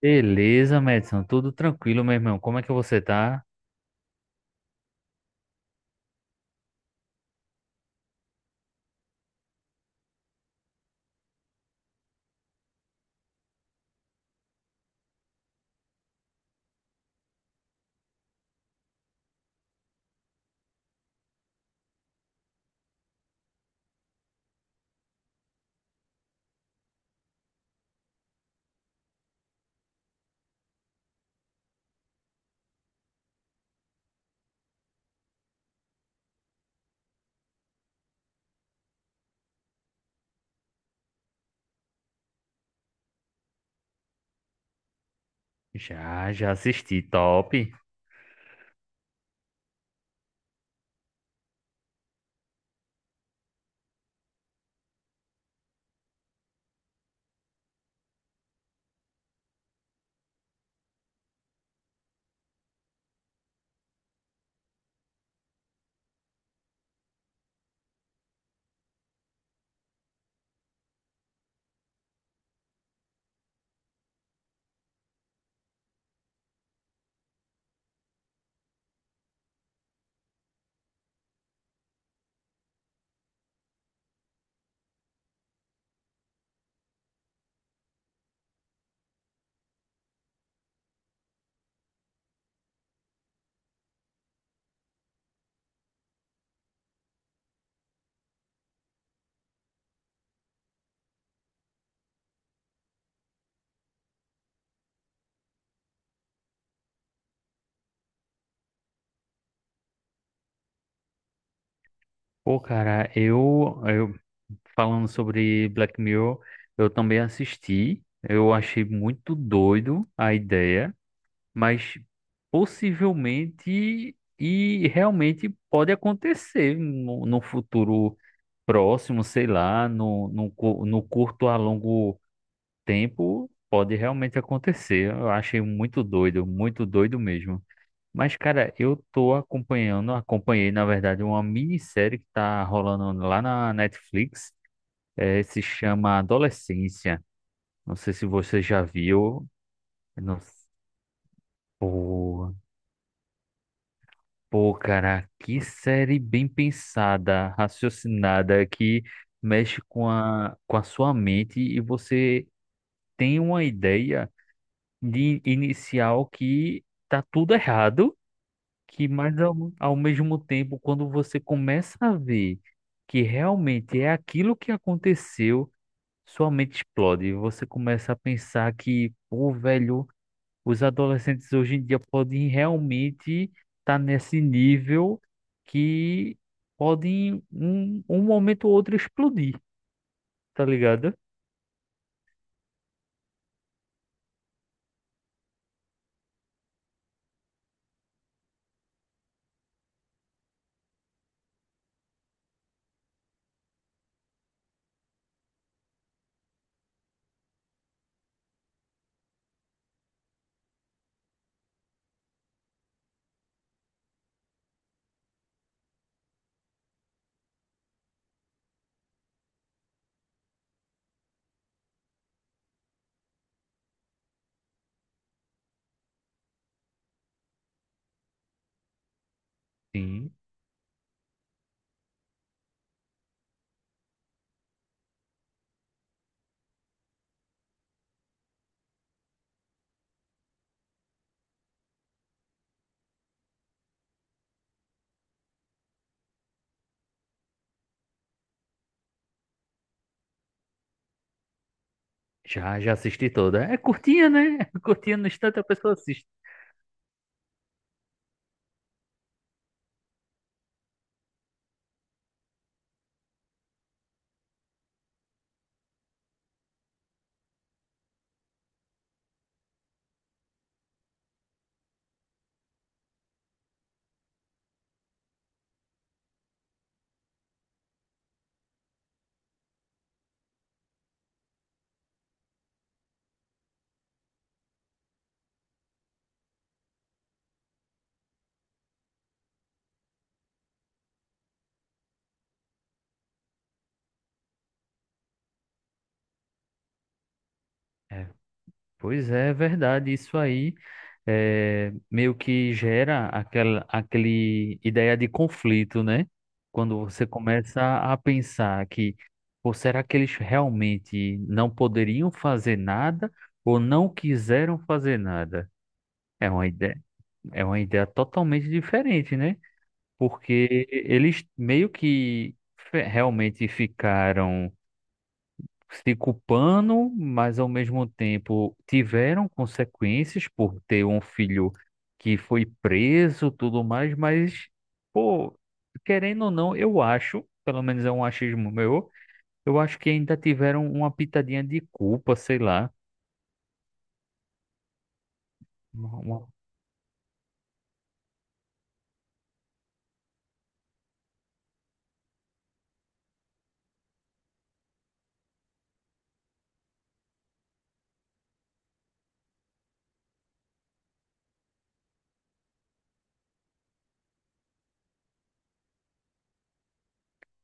Beleza, Madison, tudo tranquilo, meu irmão. Como é que você tá? Já, já assisti, top. Pô, cara, eu falando sobre Black Mirror, eu também assisti. Eu achei muito doido a ideia, mas possivelmente e realmente pode acontecer no futuro próximo, sei lá, no curto a longo tempo pode realmente acontecer. Eu achei muito doido mesmo. Mas, cara, eu tô acompanhando, acompanhei, na verdade, uma minissérie que tá rolando lá na Netflix. Se chama Adolescência. Não sei se você já viu. Não. Pô, cara, que série bem pensada, raciocinada, que mexe com a sua mente e você tem uma ideia de inicial que tá tudo errado, que mas ao mesmo tempo, quando você começa a ver que realmente é aquilo que aconteceu, sua mente explode. Você começa a pensar que, pô, velho, os adolescentes hoje em dia podem realmente estar nesse nível que podem um momento ou outro explodir, tá ligado? Sim. Já, já assisti toda. É curtinha, né? Curtinha no instante a pessoa assiste. Pois é, é verdade. Isso aí é, meio que gera aquela aquele ideia de conflito, né? Quando você começa a pensar que, pô, será que eles realmente não poderiam fazer nada ou não quiseram fazer nada? É uma ideia, é uma ideia totalmente diferente, né? Porque eles meio que realmente ficaram se culpando, mas ao mesmo tempo tiveram consequências por ter um filho que foi preso, tudo mais, mas, pô, querendo ou não, eu acho, pelo menos é um achismo meu, eu acho que ainda tiveram uma pitadinha de culpa, sei lá. Uma- uma-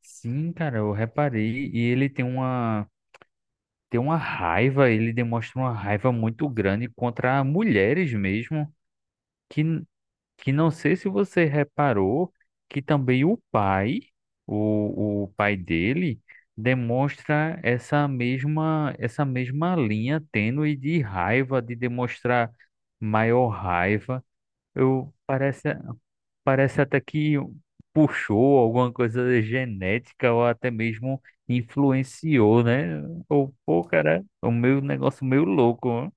Sim, cara, eu reparei, e ele tem uma. Tem uma raiva, ele demonstra uma raiva muito grande contra mulheres mesmo, que que não sei se você reparou que também o pai, o pai dele, demonstra essa mesma linha tênue de raiva, de demonstrar maior raiva. Eu parece, parece até que puxou alguma coisa genética ou até mesmo influenciou, né? Ou, pô, cara, o meu negócio meio louco, ó.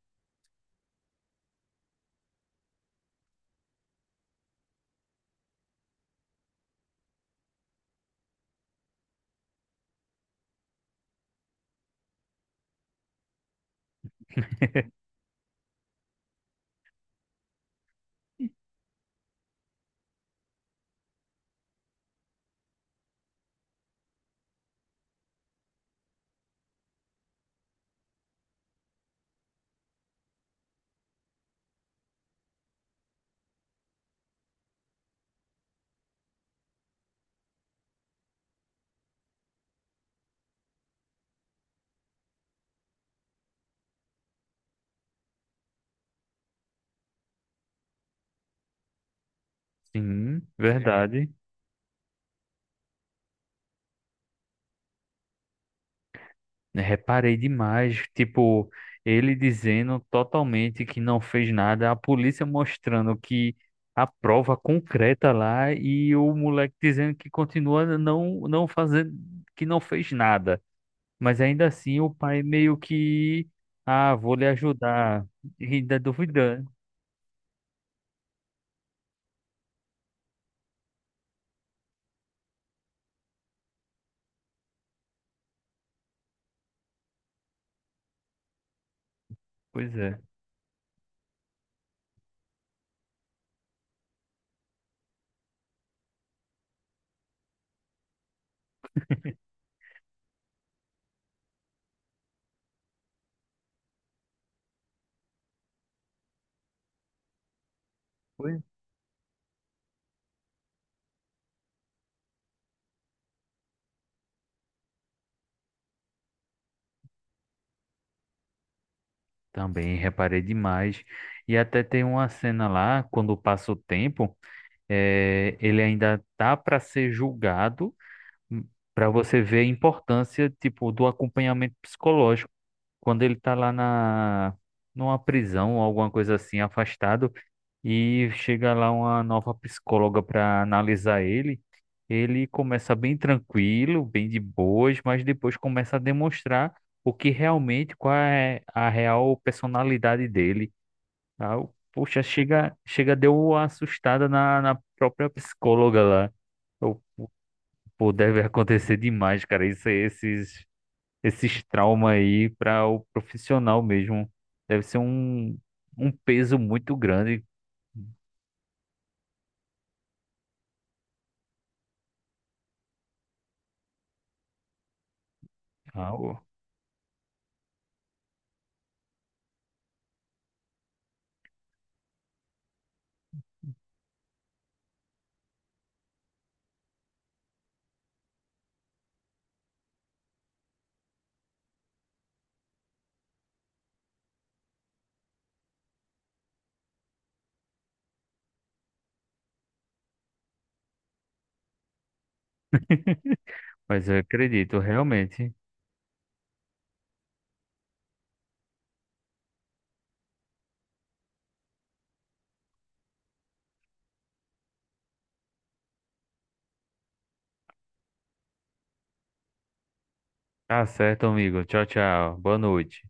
Sim, é verdade. Né, reparei demais, tipo, ele dizendo totalmente que não fez nada, a polícia mostrando que a prova concreta lá e o moleque dizendo que continua não fazendo, que não fez nada. Mas ainda assim o pai meio que, ah, vou lhe ajudar, e ainda duvidando. Pois é. Pois. Também reparei demais. E até tem uma cena lá, quando passa o tempo, ele ainda tá para ser julgado para você ver a importância, tipo, do acompanhamento psicológico quando ele tá lá na numa prisão ou alguma coisa assim, afastado, e chega lá uma nova psicóloga para analisar ele. Ele começa bem tranquilo, bem de boas, mas depois começa a demonstrar o que realmente, qual é a real personalidade dele. Tá? Poxa, chega, chega, deu uma assustada na, na própria psicóloga lá. Pô, deve acontecer demais, cara. Isso, aí, esses, esses traumas aí para o profissional mesmo. Deve ser um, um peso muito grande. Ah, ô. Mas eu acredito, realmente. Tá certo, amigo. Tchau, tchau. Boa noite.